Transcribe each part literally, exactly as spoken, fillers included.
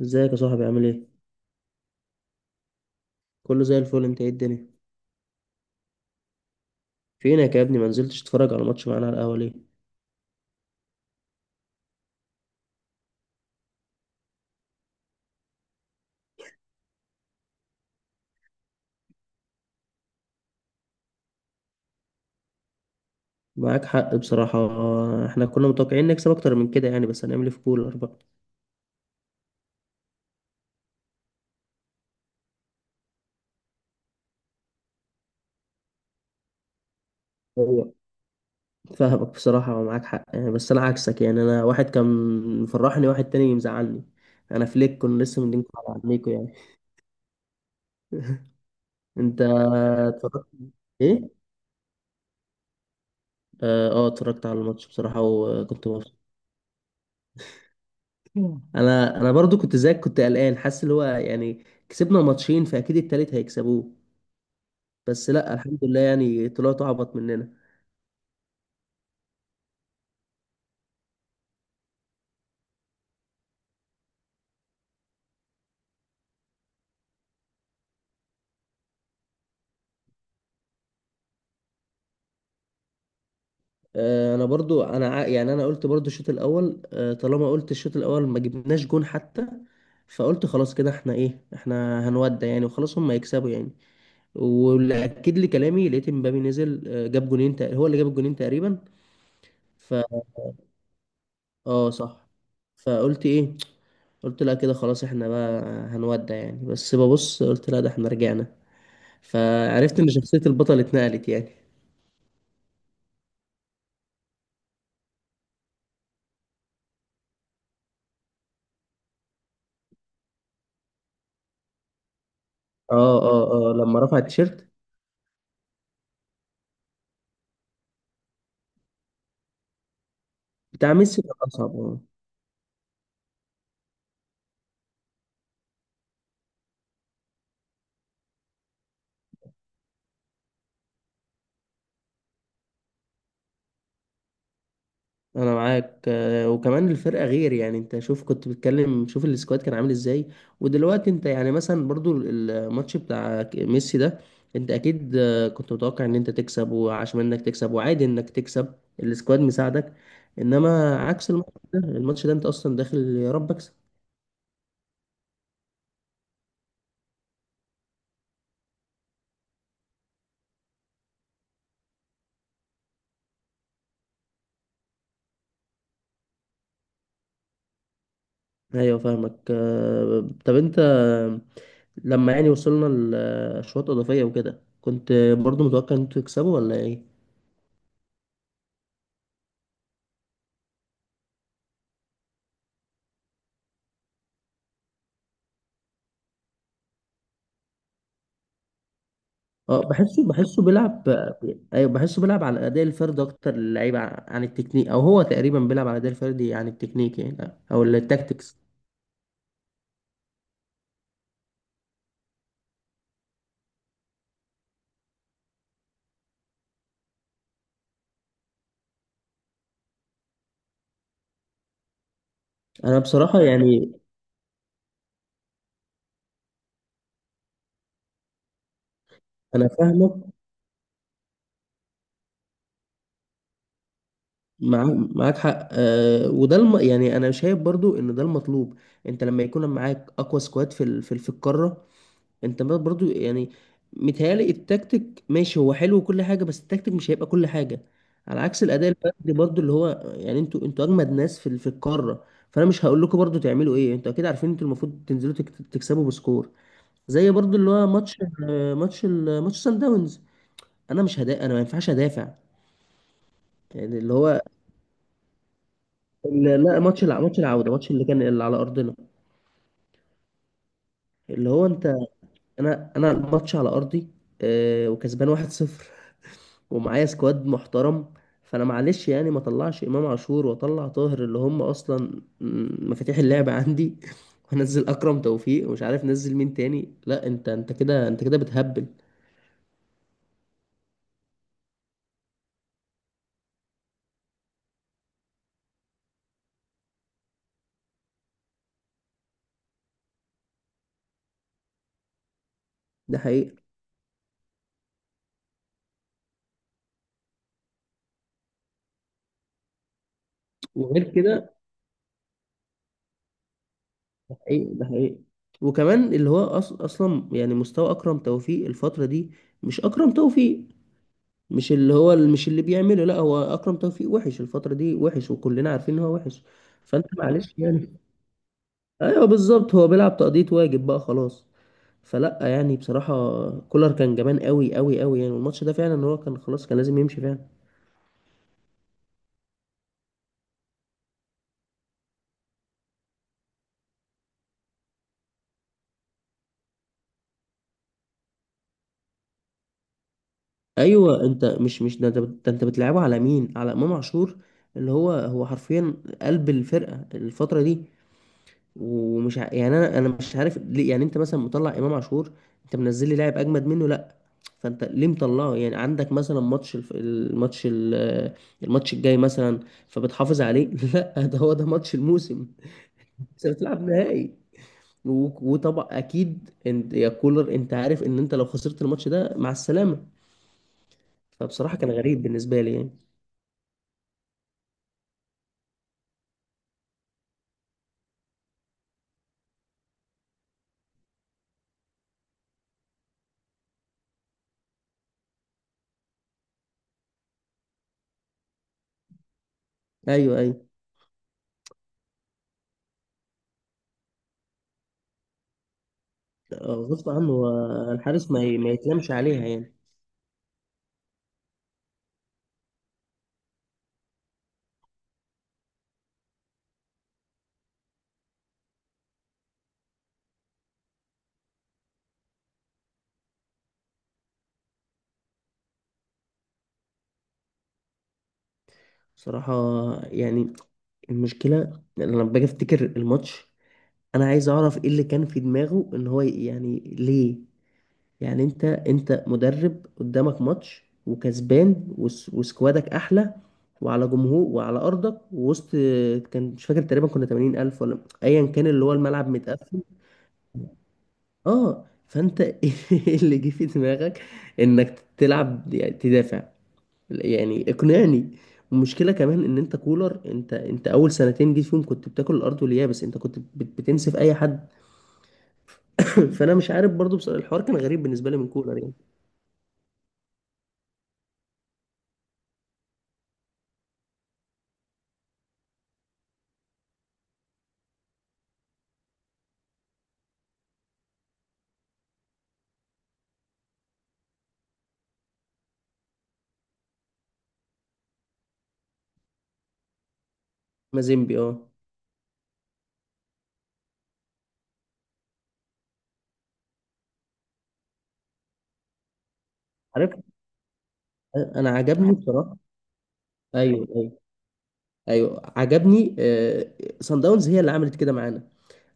ازيك يا صاحبي، عامل ايه؟ كله زي الفل. انت، ايه الدنيا؟ فينك يا ابني؟ ما نزلتش تتفرج على ماتش معانا على القهوه ليه؟ معاك حق بصراحه. احنا كنا متوقعين نكسب اكتر من كده يعني، بس هنعمل ايه في كولر بقى؟ هو فاهمك بصراحه ومعاك حق يعني، بس انا عكسك يعني، انا واحد كان مفرحني، واحد تاني مزعلني. انا فليك، كنا لسه مدينكم على عينيكم يعني. انت اتفرجت؟ ايه، اه. آه، اتفرجت على الماتش بصراحه وكنت مبسوط. مم. انا انا برضو كنت زيك، كنت قلقان حاسس اللي هو يعني كسبنا ماتشين فاكيد التالت هيكسبوه. بس لا، الحمد لله يعني، طلعتوا اعبط مننا. آه، انا برضو انا ع- يعني انا قلت برضو الشوط الاول، آه، طالما قلت الشوط الاول ما جبناش جون حتى. فقلت خلاص كده احنا، ايه، احنا هنودع يعني، وخلاص هم هيكسبوا يعني. واللي اكد لي كلامي لقيت مبابي نزل، آه، جاب جونين تق- هو اللي جاب الجونين تقريبا. ف اه صح. فقلت ايه؟ قلت لا، كده خلاص احنا بقى هنودع يعني، بس ببص قلت لا، ده احنا رجعنا. فعرفت ان شخصية البطل اتنقلت يعني. اه، اه، اه، لما رفع التيشيرت. بتاع ميسي كان اصعب، اه. انا معاك، آه، وكمان الفرقه غير يعني، انت شوف كنت بتكلم، شوف السكواد كان عامل ازاي. ودلوقتي انت يعني، مثلا برضو الماتش بتاع ميسي ده، انت اكيد آه، كنت متوقع ان انت تكسب، وعشان انك تكسب وعادي انك تكسب، السكواد مساعدك. انما عكس الماتش ده، الماتش ده انت اصلا داخل يا رب اكسب. ايوه فاهمك، آه، طب انت، لما يعني وصلنا لاشواط اضافيه وكده، كنت برضو متوقع ان انتوا تكسبوا ولا ايه؟ اه، بحسه بحسه بيلعب. ايوه، بحسه بيلعب على الاداء الفردي اكتر، اللعيبه عن التكنيك، او هو تقريبا بيلعب على الاداء الفردي عن التكنيك يعني، او التاكتكس. انا بصراحه يعني، انا فاهمك. معاك معاك حق، أه وده الم... يعني، انا شايف برضو ان ده المطلوب. انت لما يكون معاك اقوى سكواد في ال... في, ال- في القاره، انت بر- برضو يعني، متهيألي التكتيك ماشي، هو حلو وكل حاجة، بس التكتيك مش هيبقى كل حاجة. على عكس الأداء الفردي برضو اللي هو يعني، انتوا انتوا أجمد ناس في ال- في القارة. فأنا مش هقول لكم برضو تعملوا إيه، انتوا أكيد عارفين، انتوا المفروض تنزلوا تكت- تكسبوا بسكور، زي برضو اللي هو ماتش ال- ماتش ال- ماتش سان داونز. أنا مش هدا، أنا ما ينفعش أدافع. يعني اللي هو ال- لا، ماتش الع- ماتش العودة، ماتش اللي كان اللي على أرضنا. اللي هو انت، انا انا الماتش على ارضي، آه، وكسبان واحد صفر. ومعايا سكواد محترم. فانا معلش يعني، ما طلعش امام عاشور واطلع طاهر، اللي هم اصلا م- مفاتيح اللعب عندي. وانزل اكرم توفيق ومش عارف نزل مين تاني، لا انت انت كده، انت كده بتهبل. ده حقيقي. وغير كده، ده حقيقي. ده حقيقي. وكمان اللي هو أص... اصلا يعني، مستوى اكرم توفيق الفتره دي، مش اكرم توفيق، مش اللي هو مش اللي بيعمله، لا هو اكرم توفيق وحش الفتره دي، وحش وكلنا عارفين ان هو وحش. فانت معلش يعني. ايوه بالظبط، هو بيلعب تقضيه واجب بقى خلاص. فلا يعني بصراحه، كولر كان جبان قوي قوي قوي يعني، والماتش ده فعلا هو كان خلاص، كان لازم يمشي فعلا. ايوه، انت مش مش ده، انت بت- ده انت بتلعبه على مين، على امام عاشور، اللي هو هو حرفيا قلب الفرقه الفتره دي. ومش ع... يعني انا انا مش عارف ليه، يعني انت مثلا مطلع امام عاشور. انت منزل لي لاعب اجمد منه؟ لا. فانت ليه مطلعه؟ يعني عندك مثلا ماتش الف... الماتش ال... الماتش الجاي مثلا، فبتحافظ عليه؟ لا، ده هو ده ماتش الموسم. انت بتلعب نهائي. و... وطبعا اكيد انت يا كولر، انت عارف ان انت لو خسرت الماتش ده مع السلامة. فبصراحة كان غريب بالنسبة لي يعني. ايوه، ايوه. آه، غصب عنه. آه، الحارس ما ي... ما يتلامش عليها يعني. بصراحة يعني، المشكلة إن لما باجي افتكر الماتش، انا عايز اعرف ايه اللي كان في دماغه، ان هو يعني ليه. يعني انت انت مدرب قدامك ماتش وكسبان، وس- وسكوادك احلى، وعلى جمهور وعلى ارضك، ووسط كان مش فاكر تقريبا كنا تمانين الف ولا ايا كان، اللي هو الملعب متقفل. اه، فانت ايه اللي جه في دماغك؟ انك تلعب يعني تدافع؟ يعني اقنعني. والمشكله كمان ان انت كولر، انت انت اول سنتين جيت فيهم كنت بتاكل الارض واليابس، انت كنت بت- بتنسف اي حد. فانا مش عارف برضو بصراحة، الحوار كان غريب بالنسبه لي من كولر يعني. مازيمبي، اه عارف. انا عجبني بصراحه. ايوه، ايوه. ايوه عجبني. آه، سان داونز هي اللي عملت كده معانا.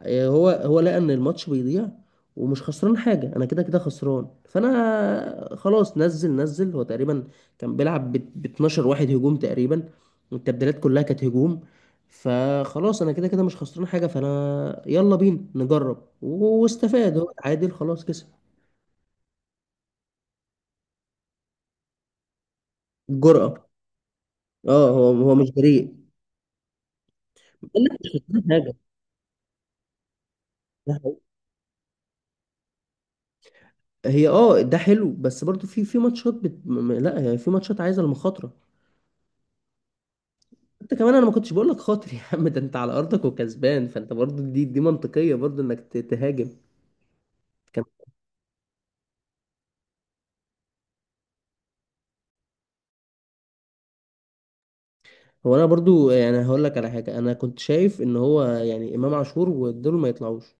آه، هو هو لقى ان الماتش بيضيع، ومش خسران حاجه، انا كده كده خسران، فانا خلاص نزل نزل هو تقريبا كان بيلعب ب اتناشر واحد هجوم تقريبا. والتبديلات كلها كانت هجوم. فخلاص انا كده كده مش خسران حاجه، فانا يلا بينا نجرب، واستفاد هو، اتعادل خلاص كسب. الجرأة. اه، هو هو مش جريء. قال لك مش خسران حاجه. ده حقيقي. هي اه ده حلو، بس برضو في في ماتشات بت... م- م- لا، هي في ماتشات عايزه المخاطره. انت كمان انا ما كنتش بقول لك خاطر، يا عم، ده انت على ارضك وكسبان، فانت برضو دي دي منطقيه، برضو انك ت- تهاجم. كم- هو انا برضو يعني هقول لك على حاجه، انا كنت شايف ان هو يعني امام عاشور ودول ما يطلعوش.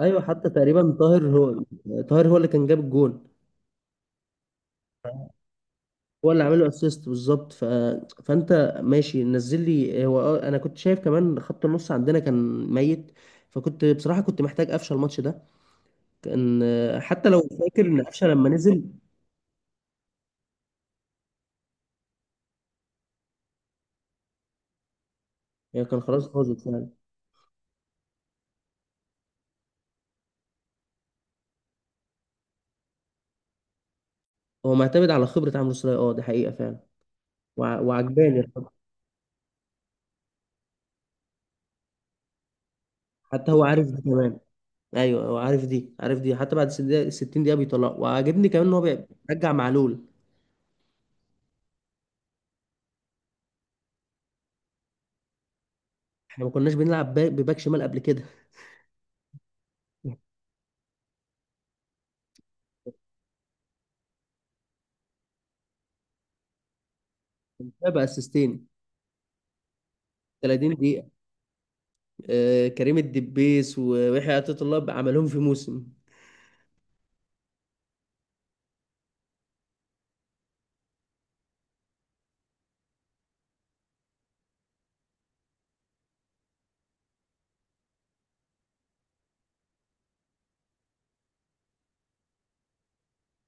ايوه، حتى تقريبا طاهر هو طاهر هو اللي كان جاب الجون. هو اللي عامل له اسيست بالظبط. ف... فانت ماشي نزل لي هو اه، انا كنت شايف كمان خط النص عندنا كان ميت. فكنت بصراحه، كنت محتاج قفشه الماتش ده، كان. حتى لو فاكر ان قفشه لما نزل، يعني كان خلاص باظت. هو معتمد على خبرة عمرو سولية، اه دي حقيقة فعلا. وع- وعجباني الخبرة. حتى هو عارف دي كمان. ايوه، هو عارف دي، عارف دي، حتى بعد ستين دقيقة، ستين دقيقة بيطلع، وعاجبني كمان ان هو بيرجع معلول. احنا ما كناش بنلعب با- بباك شمال قبل كده. ده باسيستين، ثلاثين دقيقة. آه كريم الدبيس ويحيى عطية الله بقى عملهم في موسم.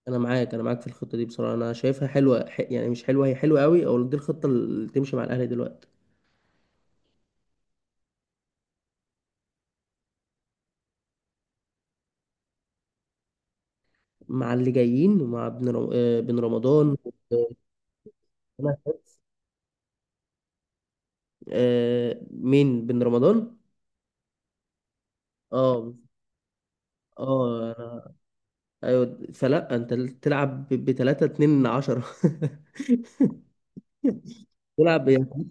انا معاك انا معاك في الخطة دي بصراحة، انا شايفها حلوة، ح- يعني مش حلوة، هي حلوة قوي، او دي الخطة اللي تمشي مع الاهلي دلوقتي. مع اللي جايين، ومع بن رم- آه، بن رمضان. آه مين بن رمضان؟ اه، اه، أنا... ايوه، فلا انت تلعب ب تلاتة اتنين عشرة. تلعب يعني،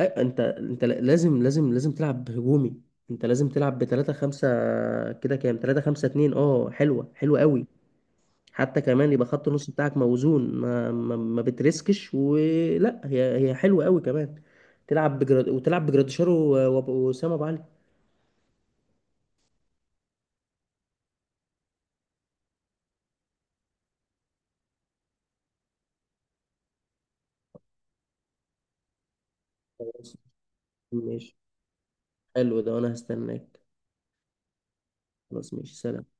أي- انت انت لازم لازم لازم تلعب هجومي. انت لازم تلعب ب تلاتة خمسة، كده كام؟ تلاتة خمسة اتنين، اه حلوه، حلوه قوي. حتى كمان يبقى خط النص بتاعك موزون، ما ما, ما بترسكش ولا، هي هي حلوه قوي كمان. تلعب بجراد، وتلعب بجراديشار، و- وأبو- وسام ابو علي. خلاص، ماشي، حلو ده وانا هستناك. خلاص، ماشي، سلام.